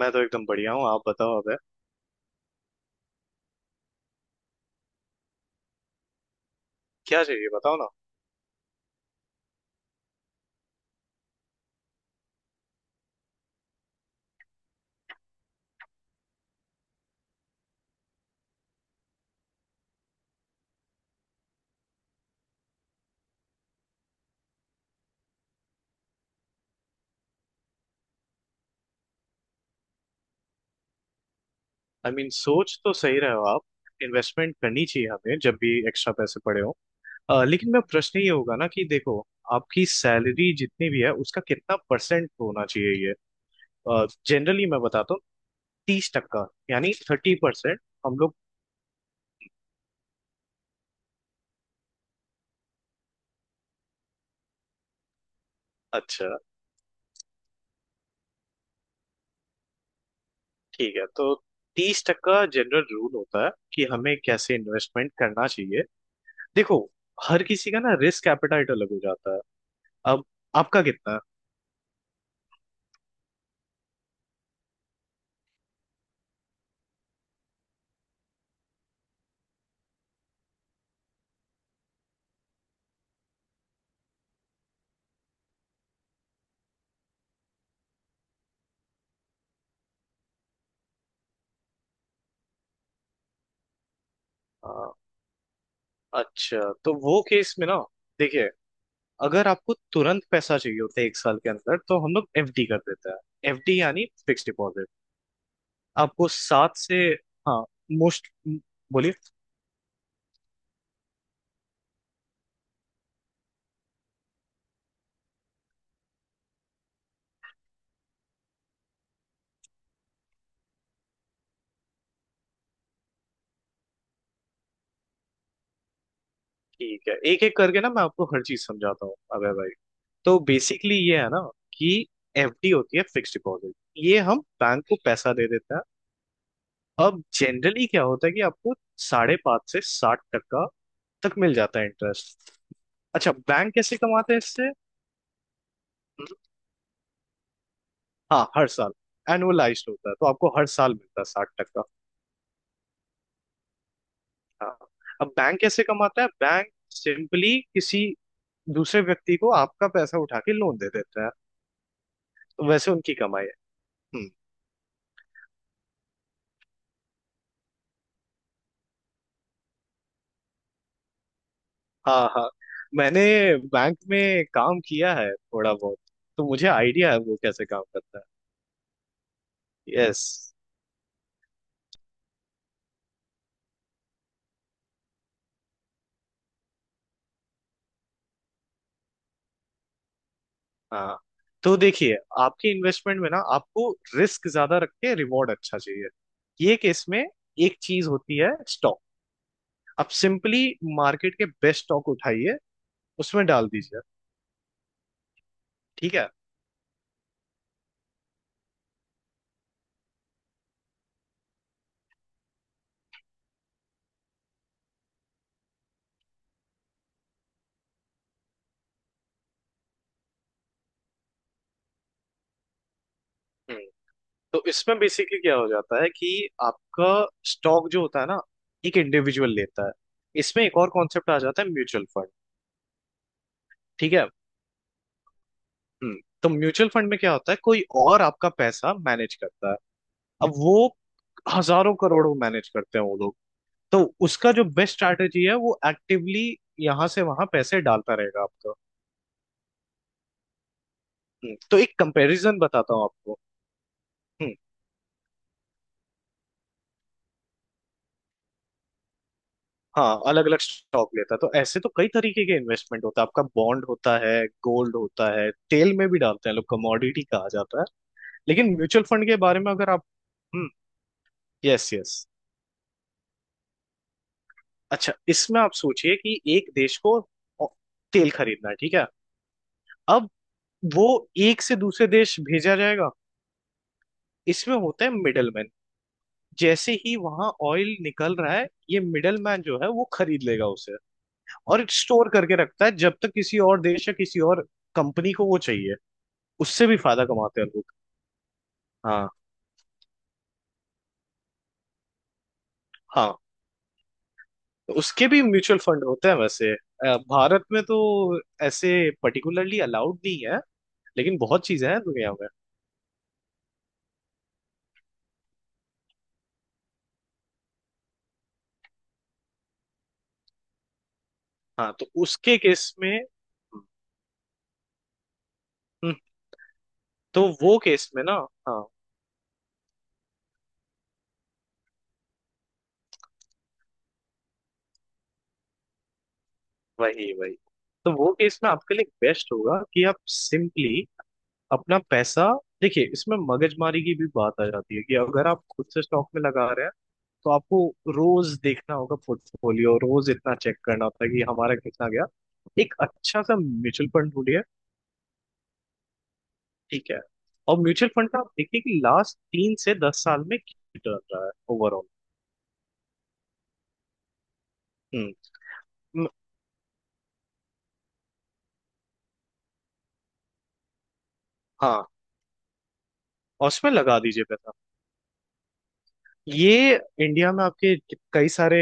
मैं तो एकदम बढ़िया हूँ। आप बताओ अब क्या चाहिए बताओ ना। आई I मीन mean, सोच तो सही रहे हो आप। इन्वेस्टमेंट करनी चाहिए हमें जब भी एक्स्ट्रा पैसे पड़े हो। लेकिन मैं प्रश्न ये होगा ना कि देखो आपकी सैलरी जितनी भी है उसका कितना परसेंट होना चाहिए ये। जनरली मैं बताता हूँ 30 टक्का यानी 30%। हम लोग। अच्छा। ठीक है तो 30 टक्का जनरल रूल होता है कि हमें कैसे इन्वेस्टमेंट करना चाहिए। देखो हर किसी का ना रिस्क एपेटाइट अलग हो जाता है। अब आपका कितना है। अच्छा तो वो केस में ना देखिए अगर आपको तुरंत पैसा चाहिए होता है एक साल के अंदर तो हम लोग एफडी कर देते हैं। एफडी यानी फिक्स डिपॉजिट। आपको सात से हाँ मोस्ट बोलिए। ठीक है एक एक करके ना मैं आपको हर चीज समझाता हूँ अबे भाई। तो बेसिकली ये है ना कि एफडी होती है फिक्स डिपॉजिट। ये हम बैंक को पैसा दे देते हैं। अब जनरली क्या होता है कि आपको 5.5 से 60 टका तक मिल जाता है इंटरेस्ट। अच्छा बैंक कैसे कमाते हैं इससे। हाँ हर साल एनुअलाइज्ड होता है तो आपको हर साल मिलता है 60 टका। हाँ अब बैंक कैसे कमाता है बैंक सिंपली किसी दूसरे व्यक्ति को आपका पैसा उठा के लोन दे देता है। तो वैसे उनकी कमाई है। हम्म। हाँ हाँ। मैंने बैंक में काम किया है थोड़ा बहुत तो मुझे आइडिया है वो कैसे काम करता है। यस। हाँ तो देखिए आपके इन्वेस्टमेंट में ना आपको रिस्क ज्यादा रख के रिवॉर्ड अच्छा चाहिए। ये केस में एक चीज होती है स्टॉक। आप सिंपली मार्केट के बेस्ट स्टॉक उठाइए उसमें डाल दीजिए। ठीक है। हम्म, तो इसमें बेसिकली क्या हो जाता है कि आपका स्टॉक जो होता है ना एक इंडिविजुअल लेता है। इसमें एक और कॉन्सेप्ट आ जाता है म्यूचुअल फंड। ठीक है। हम्म, तो म्यूचुअल फंड में क्या होता है कोई और आपका पैसा मैनेज करता है। अब वो हजारों करोड़ों मैनेज करते हैं वो लोग। तो उसका जो बेस्ट स्ट्रैटेजी है वो एक्टिवली यहाँ से वहां पैसे डालता रहेगा आपका। तो एक कंपैरिजन बताता हूँ आपको। हम्म, हाँ अलग अलग स्टॉक लेता है तो ऐसे तो कई तरीके के इन्वेस्टमेंट होता है आपका बॉन्ड होता है गोल्ड होता है तेल में भी डालते हैं लोग कमोडिटी कहा जाता है। लेकिन म्यूचुअल फंड के बारे में अगर आप। हम्म। Yes, yes. अच्छा इसमें आप सोचिए कि एक देश को ओ- तेल खरीदना है ठीक है। अब वो एक से दूसरे देश भेजा जाएगा। इसमें होते हैं मिडलमैन। जैसे ही वहां ऑयल निकल रहा है ये मिडलमैन जो है वो खरीद लेगा उसे और स्टोर करके रखता है जब तक किसी और देश या किसी और कंपनी को वो चाहिए। उससे भी फायदा कमाते हैं लोग। हाँ हाँ। तो उसके भी म्यूचुअल फंड होते हैं वैसे। भारत में तो ऐसे पर्टिकुलरली अलाउड नहीं है। लेकिन बहुत चीजें हैं दुनिया में। हाँ तो उसके केस में। हम्म, तो वो केस में ना हाँ वही वही तो वो केस में आपके लिए बेस्ट होगा कि आप सिंपली अपना पैसा। देखिए इसमें मगजमारी की भी बात आ जाती है कि अगर आप खुद से स्टॉक में लगा रहे हैं तो आपको रोज देखना होगा पोर्टफोलियो रोज इतना चेक करना होता है कि हमारा कितना गया। एक अच्छा सा म्यूचुअल फंड ढूंढिए। ठीक है और म्यूचुअल फंड का आप देखिए कि लास्ट 3 से 10 साल में कितना रहा है ओवरऑल। हम्म। म- हाँ और उसमें लगा दीजिए पैसा। ये इंडिया में आपके कई सारे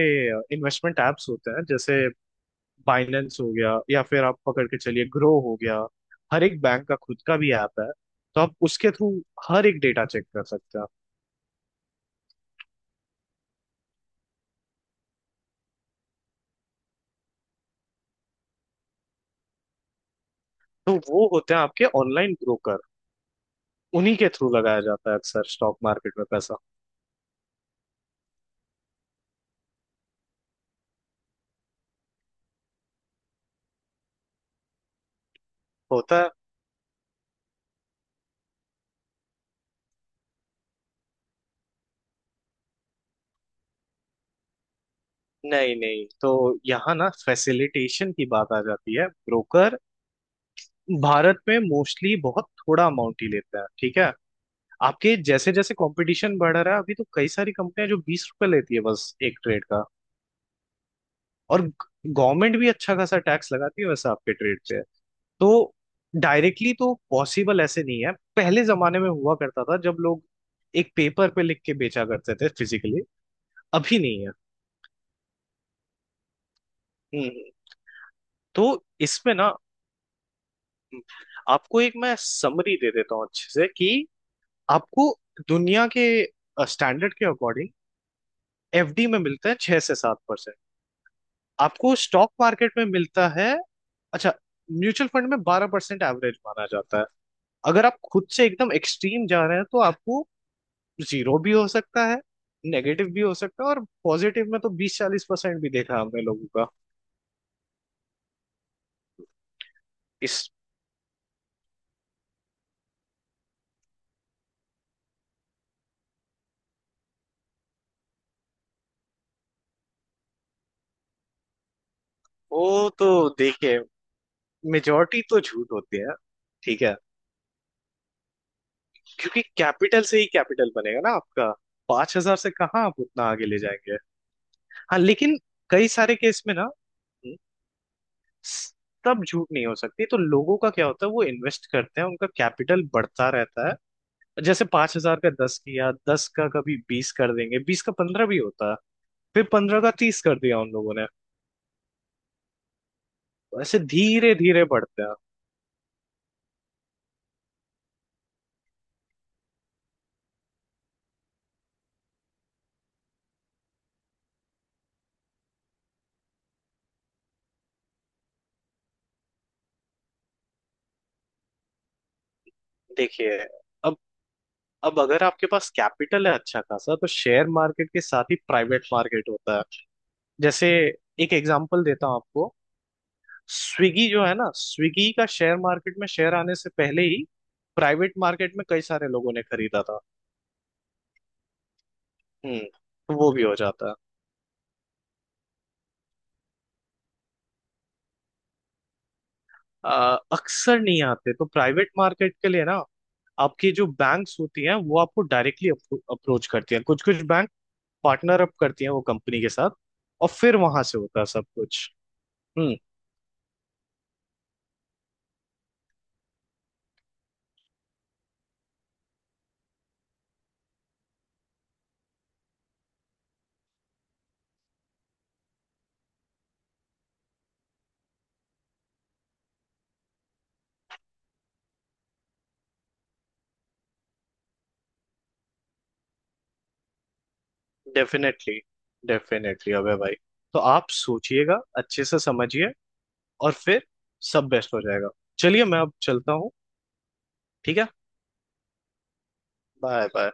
इन्वेस्टमेंट एप्स होते हैं जैसे बाइनेंस हो गया या फिर आप पकड़ के चलिए ग्रो हो गया। हर एक बैंक का खुद का भी ऐप है। तो आप उसके थ्रू हर एक डेटा चेक कर सकते हैं। तो वो होते हैं आपके ऑनलाइन ब्रोकर। उन्हीं के थ्रू लगाया जाता है अक्सर स्टॉक मार्केट में पैसा होता है। नहीं नहीं तो यहाँ ना फैसिलिटेशन की बात आ जाती है। ब्रोकर भारत में मोस्टली बहुत थोड़ा अमाउंट ही लेते हैं ठीक है। आपके जैसे जैसे कंपटीशन बढ़ रहा है अभी तो कई सारी कंपनियां जो 20 रुपए लेती है बस एक ट्रेड का। और गवर्नमेंट भी अच्छा खासा टैक्स लगाती है वैसे आपके ट्रेड पे। तो डायरेक्टली तो पॉसिबल ऐसे नहीं है पहले जमाने में हुआ करता था जब लोग एक पेपर पे लिख के बेचा करते थे फिजिकली। अभी नहीं है। हम्म तो इसमें ना आपको एक मैं समरी दे देता हूँ अच्छे से कि आपको दुनिया के स्टैंडर्ड के अकॉर्डिंग एफडी में मिलता है 6 से 7%। आपको स्टॉक मार्केट में मिलता है अच्छा म्यूचुअल फंड में 12% एवरेज माना जाता है। अगर आप खुद से एकदम एक्सट्रीम जा रहे हैं तो आपको जीरो भी हो सकता है। नेगेटिव भी हो सकता है और पॉजिटिव में तो 20 से 40% भी देखा हमने लोगों का। इस वो तो देखिए मेजोरिटी तो झूठ होती है ठीक है क्योंकि कैपिटल से ही कैपिटल बनेगा ना आपका। 5,000 से कहाँ आप उतना आगे ले जाएंगे। हाँ लेकिन कई सारे केस में ना तब झूठ नहीं हो सकती तो लोगों का क्या होता है वो इन्वेस्ट करते हैं उनका कैपिटल बढ़ता रहता है। जैसे 5,000 का 10 किया 10 का कभी 20 कर देंगे 20 का 15 भी होता है। फिर 15 का 30 कर दिया उन लोगों ने। ऐसे धीरे धीरे बढ़ते हैं। देखिए अब अब अगर आपके पास कैपिटल है अच्छा खासा तो शेयर मार्केट के साथ ही प्राइवेट मार्केट होता है। जैसे एक एग्जांपल देता हूँ आपको। स्विगी जो है ना स्विगी का शेयर मार्केट में शेयर आने से पहले ही प्राइवेट मार्केट में कई सारे लोगों ने खरीदा था। तो वो भी हो जाता है। अक्सर नहीं आते तो प्राइवेट मार्केट के लिए ना आपकी जो बैंक्स होती हैं वो आपको डायरेक्टली अप्रोच करती हैं कुछ कुछ। पार्टनर अप करती है वो कंपनी के साथ और फिर वहां से होता है सब कुछ। हम्म डेफिनेटली डेफिनेटली अबे भाई। तो आप सोचिएगा अच्छे से समझिए और फिर सब बेस्ट हो जाएगा। चलिए मैं अब चलता हूँ ठीक है। Bye bye.